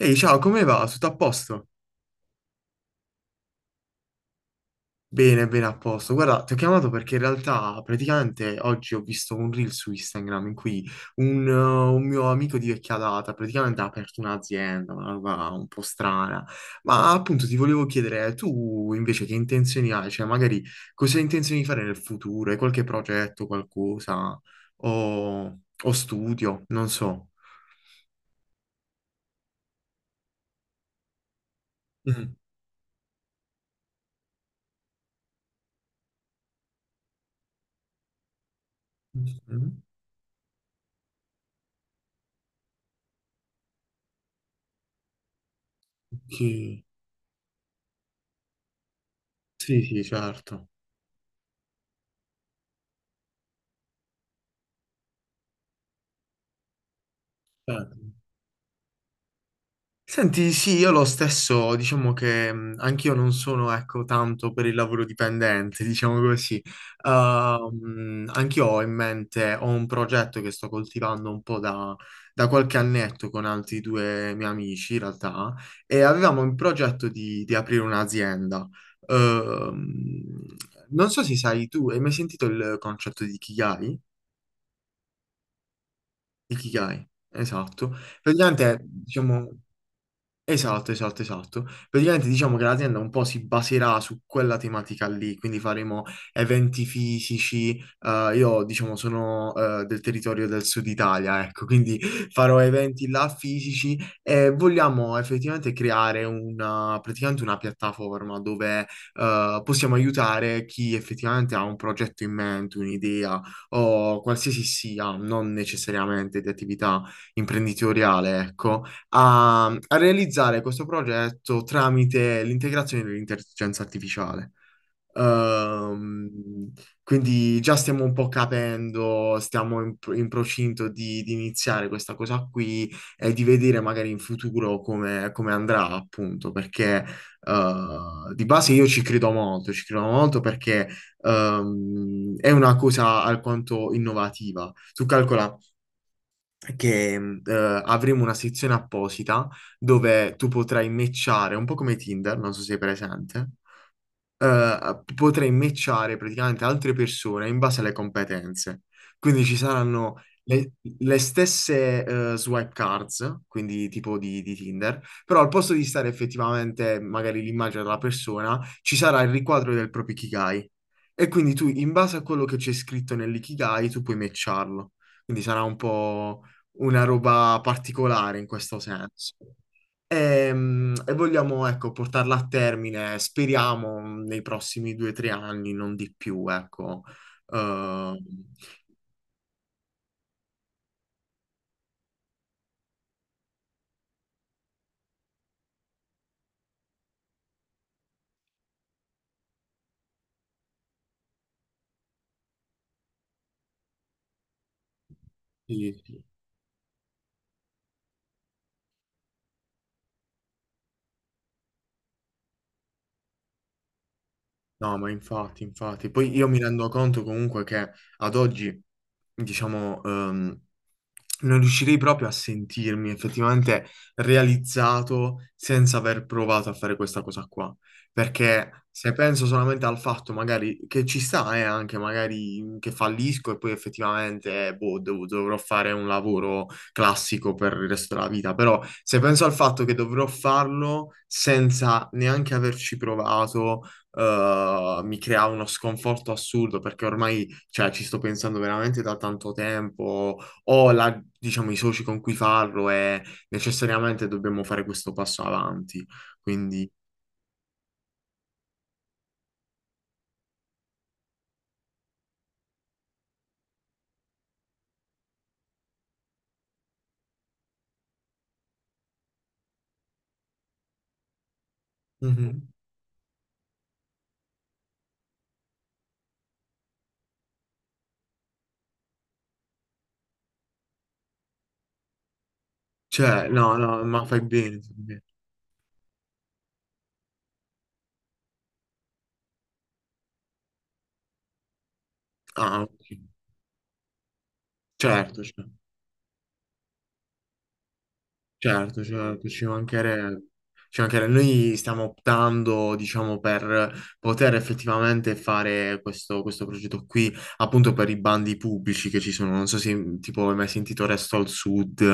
Ehi, ciao, come va? Tutto a posto? Bene, bene, a posto. Guarda, ti ho chiamato perché in realtà praticamente oggi ho visto un reel su Instagram in cui un mio amico di vecchia data praticamente ha aperto un'azienda, una roba un po' strana. Ma appunto ti volevo chiedere, tu invece che intenzioni hai? Cioè, magari cosa hai intenzione di fare nel futuro? Hai qualche progetto, qualcosa? O studio? Non so. Mm. Mm. Ok. Sì, sì, certo. Certo. Senti, sì, io lo stesso, diciamo che anch'io non sono, ecco, tanto per il lavoro dipendente, diciamo così. Anch'io ho in mente, ho un progetto che sto coltivando un po' da qualche annetto con altri due miei amici, in realtà, e avevamo in progetto di aprire un'azienda. Ehm, Non so se sai tu, hai mai sentito il concetto di Ikigai? Ikigai, esatto. Praticamente, diciamo... Esatto, esatto, esatto. Praticamente diciamo che l'azienda un po' si baserà su quella tematica lì, quindi faremo eventi fisici. Io diciamo sono del territorio del sud Italia, ecco, quindi farò eventi là fisici e vogliamo effettivamente creare una, praticamente una piattaforma dove possiamo aiutare chi effettivamente ha un progetto in mente, un'idea o qualsiasi sia, non necessariamente di attività imprenditoriale, ecco a realizzare questo progetto tramite l'integrazione dell'intelligenza artificiale. Ehm, quindi già stiamo un po' capendo, stiamo in procinto di iniziare questa cosa qui e di vedere magari in futuro come, come andrà, appunto, perché di base io ci credo molto perché è una cosa alquanto innovativa. Tu calcola che avremo una sezione apposita dove tu potrai matchare, un po' come Tinder, non so se sei presente potrei matchare praticamente altre persone in base alle competenze. Quindi ci saranno le stesse swipe cards, quindi tipo di Tinder, però al posto di stare effettivamente magari l'immagine della persona, ci sarà il riquadro del proprio Ikigai. E quindi tu, in base a quello che c'è scritto nell'Ikigai, tu puoi matcharlo. Quindi sarà un po' una roba particolare in questo senso. Vogliamo, ecco, portarla a termine, speriamo, nei prossimi due o tre anni, non di più, ecco. Ehm, sì. Sì. No, ma infatti, infatti. Poi io mi rendo conto comunque che ad oggi, diciamo, non riuscirei proprio a sentirmi effettivamente realizzato senza aver provato a fare questa cosa qua. Perché se penso solamente al fatto magari che ci sta, anche magari che fallisco e poi effettivamente, boh, dovrò fare un lavoro classico per il resto della vita. Però se penso al fatto che dovrò farlo senza neanche averci provato mi crea uno sconforto assurdo perché ormai, cioè, ci sto pensando veramente da tanto tempo, ho diciamo, i soci con cui farlo e necessariamente dobbiamo fare questo passo avanti. Quindi, Mhm. Cioè, no, no, ma fai bene. Fai bene. Ah, ok. Certo, certo. Certo, certo, ci mancherebbe. Ci mancherebbe. Noi stiamo optando, diciamo, per poter effettivamente fare questo, questo progetto qui, appunto per i bandi pubblici che ci sono. Non so se tipo hai mai sentito Resto al Sud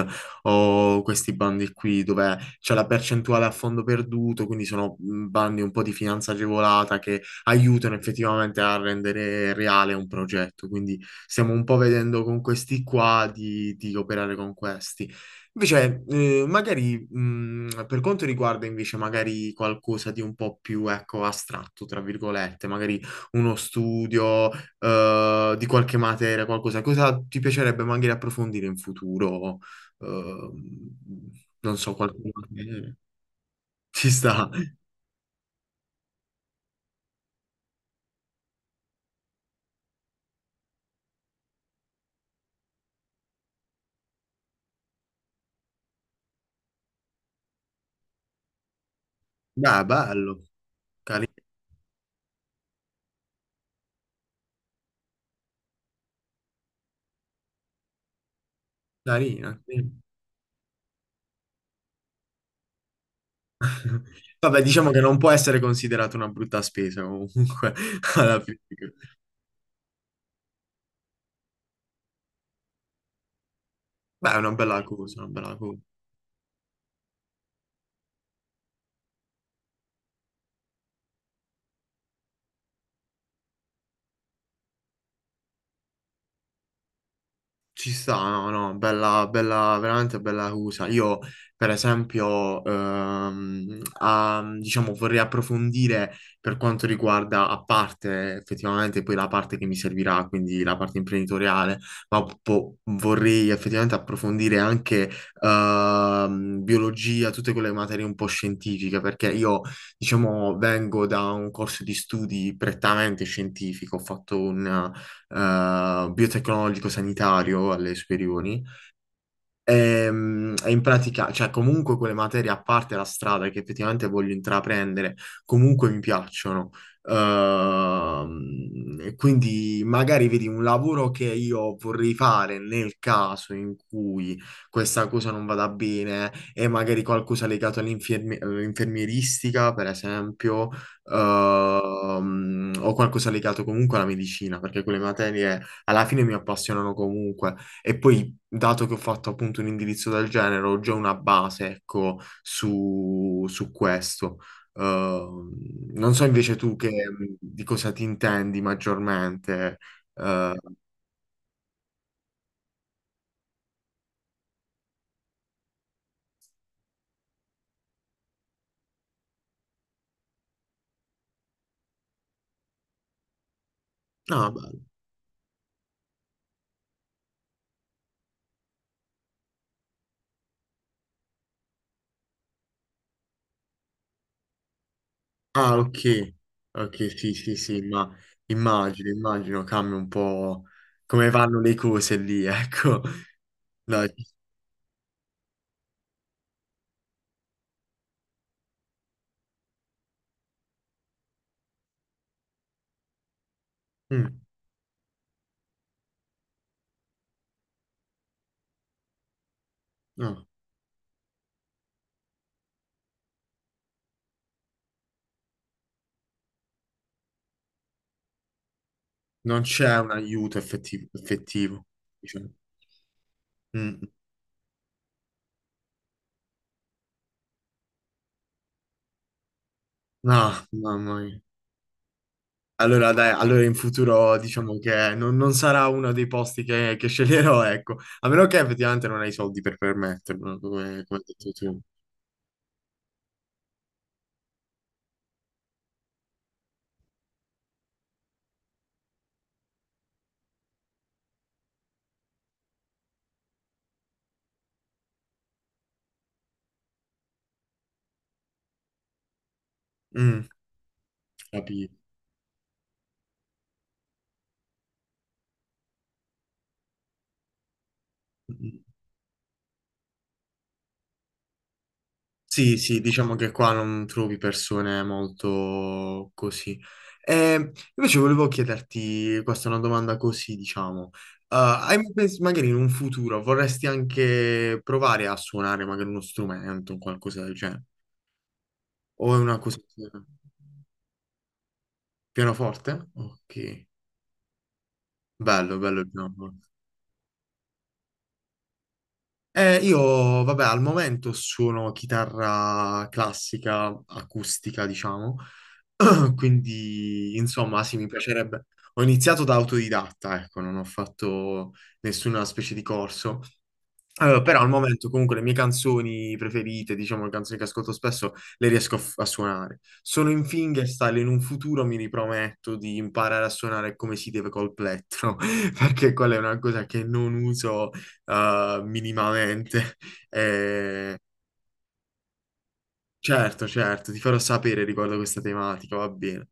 o questi bandi qui dove c'è la percentuale a fondo perduto, quindi sono bandi un po' di finanza agevolata che aiutano effettivamente a rendere reale un progetto. Quindi stiamo un po' vedendo con questi qua di operare con questi. Invece, magari per quanto riguarda invece magari qualcosa di un po' più, ecco, astratto, tra virgolette, magari uno studio di qualche materia, qualcosa, cosa ti piacerebbe magari approfondire in futuro? Eh, Non so, qualche materia. Ci sta. Dai, bello, cari- carina. Sì. Vabbè, diciamo che non può essere considerata una brutta spesa comunque, alla fine. Beh, è una bella cosa, una bella cosa. Ci sta, no, no, bella, bella, veramente bella cosa. Io, per esempio, diciamo, vorrei approfondire per quanto riguarda, a parte effettivamente poi la parte che mi servirà, quindi la parte imprenditoriale, ma vorrei effettivamente approfondire anche biologia, tutte quelle materie un po' scientifiche, perché io, diciamo, vengo da un corso di studi prettamente scientifico, ho fatto un biotecnologico sanitario alle superiori. In pratica, cioè comunque quelle materie, a parte la strada che effettivamente voglio intraprendere, comunque mi piacciono. E quindi magari vedi un lavoro che io vorrei fare nel caso in cui questa cosa non vada bene e magari qualcosa legato all'infermieristica, per esempio, o qualcosa legato comunque alla medicina, perché quelle materie alla fine mi appassionano comunque. E poi, dato che ho fatto appunto un indirizzo del genere, ho già una base, ecco, su, su questo. Ehm, Non so invece tu che, di cosa ti intendi maggiormente. Eh, no, bello. Ah, ok. Ok, sì, sì, sì, ma immagino, immagino, cambia un po' come vanno le cose lì, ecco. No, mm, no, non c'è un aiuto effettivo, effettivo, diciamo. Mm. No, mamma mia. Allora, dai, allora in futuro diciamo che non, non sarà uno dei posti che sceglierò, ecco, a meno che effettivamente non hai i soldi per permetterlo, come, come hai detto tu. Mm, capito. Mm. Mm. Sì, sì, diciamo che qua non trovi persone molto così. Eh, Invece volevo chiederti, questa è una domanda così, diciamo, hai mai magari in un futuro vorresti anche provare a suonare magari uno strumento o qualcosa del genere? O è una cosa... Pianoforte? Ok. Bello, bello il jumbo. Io, vabbè, al momento suono chitarra classica, acustica, diciamo, quindi, insomma, sì, mi piacerebbe. Ho iniziato da autodidatta, ecco, non ho fatto nessuna specie di corso. Allora, però al momento comunque le mie canzoni preferite, diciamo le canzoni che ascolto spesso, le riesco a, a suonare. Sono in fingerstyle, in un futuro mi riprometto di imparare a suonare come si deve col plettro, perché quella è una cosa che non uso minimamente. Eh, certo, certo, ti farò sapere riguardo questa tematica, va bene.